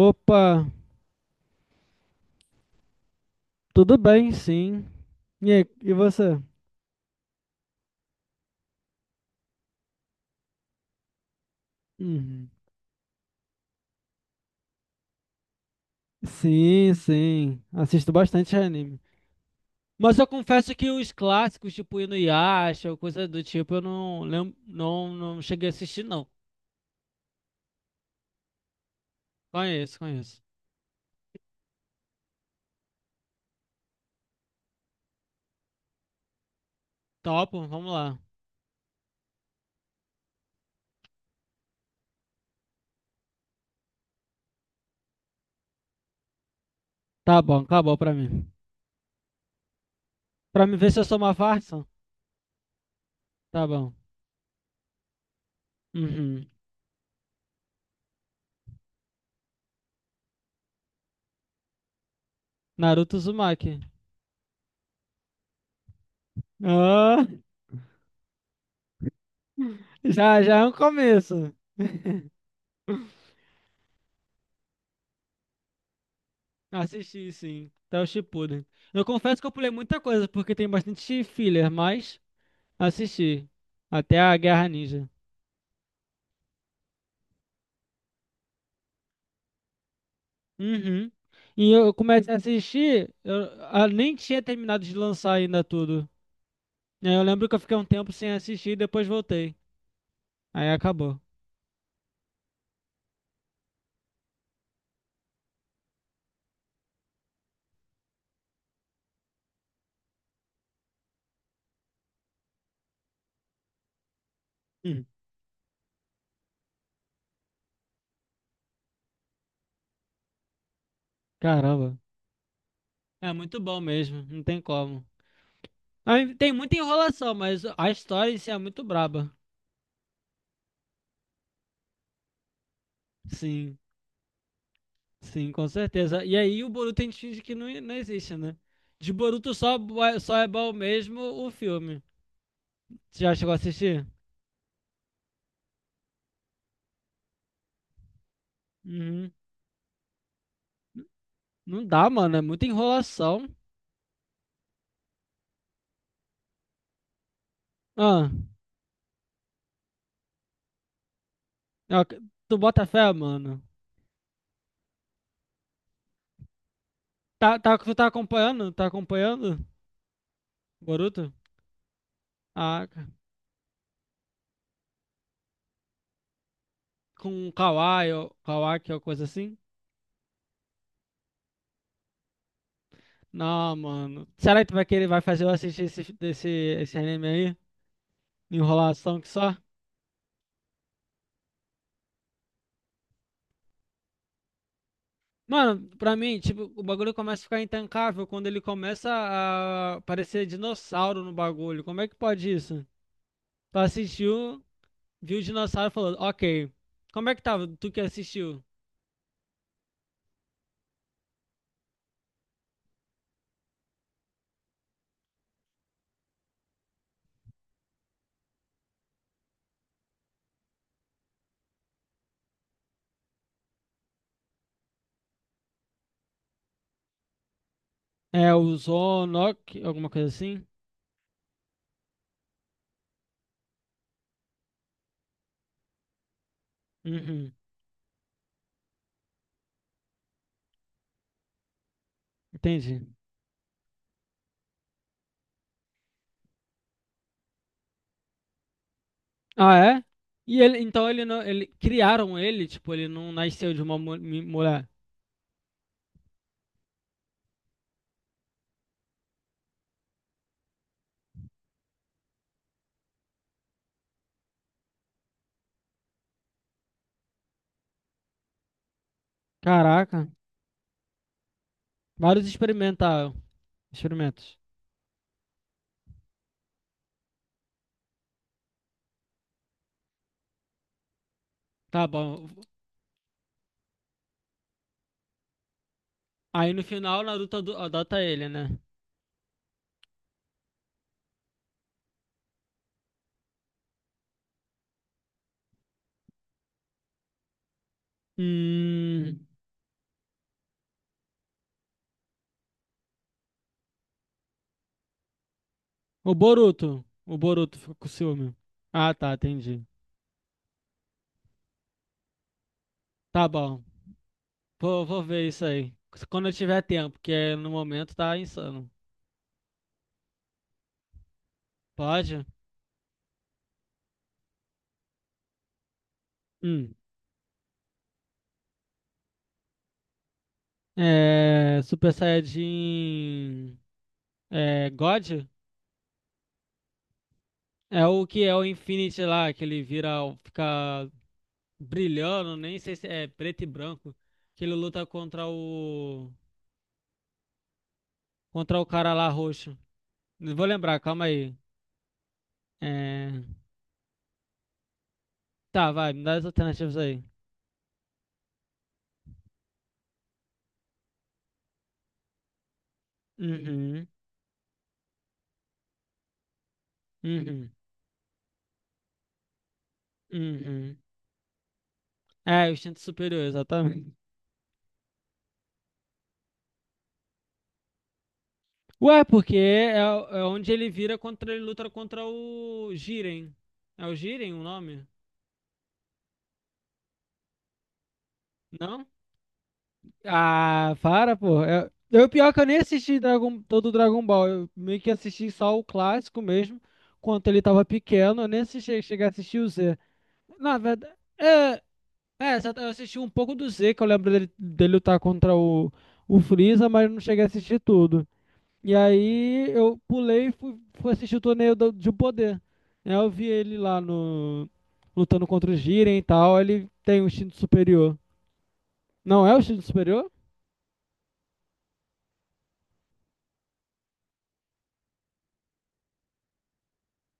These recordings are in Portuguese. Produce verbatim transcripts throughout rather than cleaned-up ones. Opa, tudo bem, sim. E, aí, e você? Uhum. Sim, sim. Assisto bastante anime. Mas eu confesso que os clássicos, tipo Inuyasha ou coisa do tipo, eu não lembro, não, não cheguei a assistir, não. Conheço, conheço. Topo, vamos lá. Tá bom, acabou pra mim. Pra me ver se eu sou uma farsa? Tá bom. Uhum. Naruto Uzumaki. Ah, já, já é um começo. Assisti, sim. Até o Shippuden. Eu confesso que eu pulei muita coisa, porque tem bastante filler, mas assisti. Até a Guerra Ninja. Uhum. E eu comecei a assistir, eu ah, nem tinha terminado de lançar ainda tudo. E aí eu lembro que eu fiquei um tempo sem assistir e depois voltei. Aí acabou. Hum. Caramba. É muito bom mesmo, não tem como. Aí tem muita enrolação, mas a história em si é muito braba. Sim. Sim, com certeza. E aí o Boruto a gente finge que não, não existe, né? De Boruto só, só é bom mesmo o filme. Você já chegou a assistir? Uhum. Não dá, mano. É muita enrolação. Ah, ó, tu bota fé, mano. Tá, tá, tu tá acompanhando? Tá acompanhando? Boruto? Ah, ca- com o Kawai ou Kawaki ou coisa assim? Não, mano. Será que tu vai querer, vai fazer eu assistir esse, esse, esse anime aí? Enrolação que só? Mano, pra mim, tipo, o bagulho começa a ficar intancável quando ele começa a aparecer dinossauro no bagulho. Como é que pode isso? Tu assistiu, viu o dinossauro e falou, ok. Como é que tava? Tu que assistiu? É o Zonoc, alguma coisa assim? Uhum, entendi. Ah, é? E ele, então ele não, ele criaram ele, tipo, ele não nasceu de uma mu- mi- mulher. Caraca, vários experimentaram, experimentos. Tá bom. Aí no final, Naruto ado- adota ele, né? Hum, o Boruto. O Boruto ficou com ciúme. Ah, tá, entendi. Tá bom. Vou, vou ver isso aí. Quando eu tiver tempo, que é no momento tá insano. Pode? Hum. É, Super Saiyajin. É, God? É o que é o Infinity lá, que ele vira, o- fica brilhando, nem sei se é preto e branco. Que ele luta contra o. Contra o cara lá roxo. Vou lembrar, calma aí. É, tá, vai, me dá as alternativas aí. Uhum, uhum, uhum. É, o instinto superior, exatamente. Ué, porque é, é onde ele vira contra, ele luta contra o Jiren. É o Jiren o nome? Não? Ah, para, pô. Eu, eu pior que eu nem assisti Dragon, todo o Dragon Ball. Eu meio que assisti só o clássico mesmo, quando ele tava pequeno. Eu nem assisti, cheguei a assistir o Z. Na verdade, é, é, só- eu assisti um pouco do Z, que eu lembro dele, dele lutar contra o, o Freeza, mas não cheguei a assistir tudo. E aí eu pulei e fui, fui assistir o torneio do, de poder. Aí eu vi ele lá no lutando contra o Jiren e tal. Ele tem um instinto superior. Não é o instinto superior?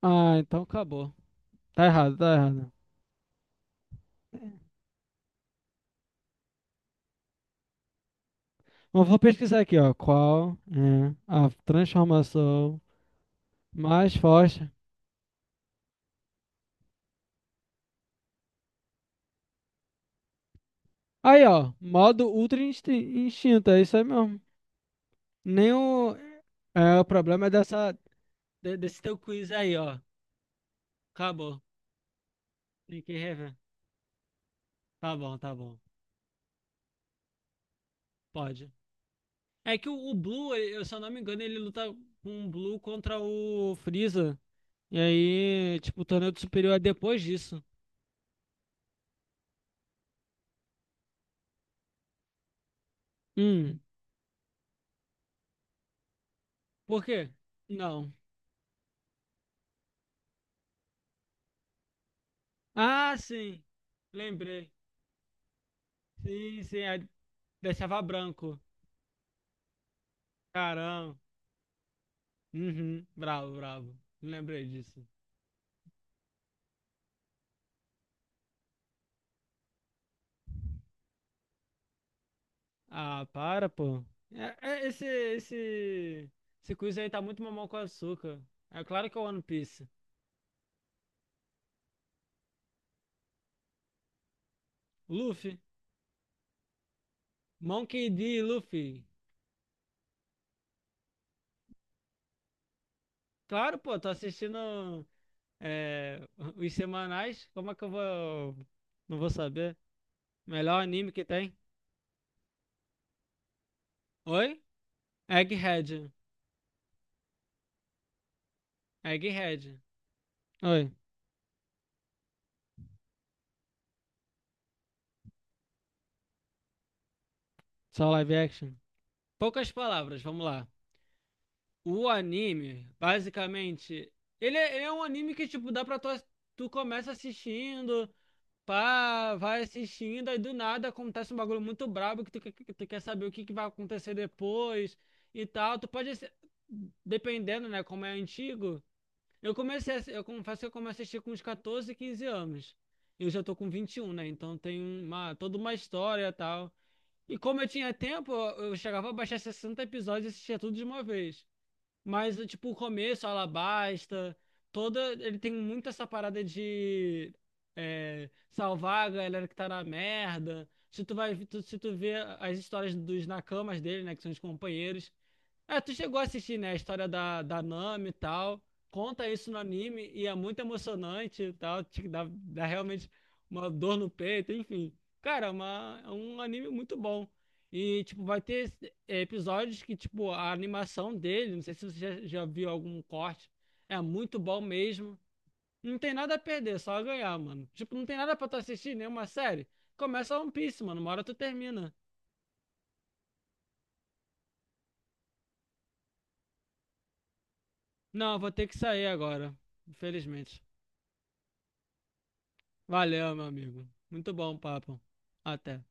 Ah, então acabou. Tá errado, tá errado. Mas eu vou pesquisar aqui, ó. Qual é a transformação mais forte? Aí, ó. Modo Ultra Insti- Instinto. É isso aí mesmo. Nem o. É, o problema é dessa, de- desse teu quiz aí, ó. Acabou. Tem que rever. Tá bom, tá bom. Pode. É que o, o Blue, eh, eu, se eu não me engano, ele luta com o Blue contra o Freeza. E aí, tipo, o torneio do superior é depois disso. Hum, por quê? Não. Ah, sim. Lembrei. Sim, sim. Aí deixava branco. Caramba. Uhum. Bravo, bravo. Lembrei disso. Ah, para, pô. É, é, esse, esse, esse quiz aí tá muito mamão com açúcar. É claro que é o One Piece. Luffy. Monkey D. Luffy. Claro, pô, tô assistindo é, os semanais. Como é que eu vou. Não vou saber. Melhor anime que tem. Oi? Egghead. Egghead. Oi. Só live action. Poucas palavras, vamos lá. O anime, basicamente. Ele é, ele é um anime que, tipo, dá pra tu, ass- tu começa assistindo. Pá, vai assistindo, aí do nada acontece um bagulho muito brabo que tu, que- que tu quer saber o que, que vai acontecer depois e tal. Tu pode, assi- dependendo, né, como é antigo. Eu comecei, a assi- eu confesso que eu comecei a assistir com uns catorze, quinze anos. Eu já tô com vinte e um, né? Então tem uma, toda uma história e tal. E como eu tinha tempo, eu eu chegava a baixar sessenta episódios e assistia tudo de uma vez. Mas, tipo, o começo, Alabasta, toda. Ele tem muito essa parada de é, salvar a galera que tá na merda. Se tu vai, tu- se tu vê as histórias dos nakamas dele, né, que são os companheiros, é, tu chegou a assistir, né, a história da, da Nami e tal. Conta isso no anime e é muito emocionante e tal. Te dá, dá realmente uma dor no peito, enfim. Cara, é uma, é um anime muito bom. E, tipo, vai ter é, episódios que, tipo, a animação dele, não sei se você já, já viu algum corte, é muito bom mesmo. Não tem nada a perder, só a ganhar, mano. Tipo, não tem nada pra tu assistir, nenhuma série. Começa One Piece, mano. Uma hora tu termina. Não, eu vou ter que sair agora, infelizmente. Valeu, meu amigo. Muito bom o papo. Até.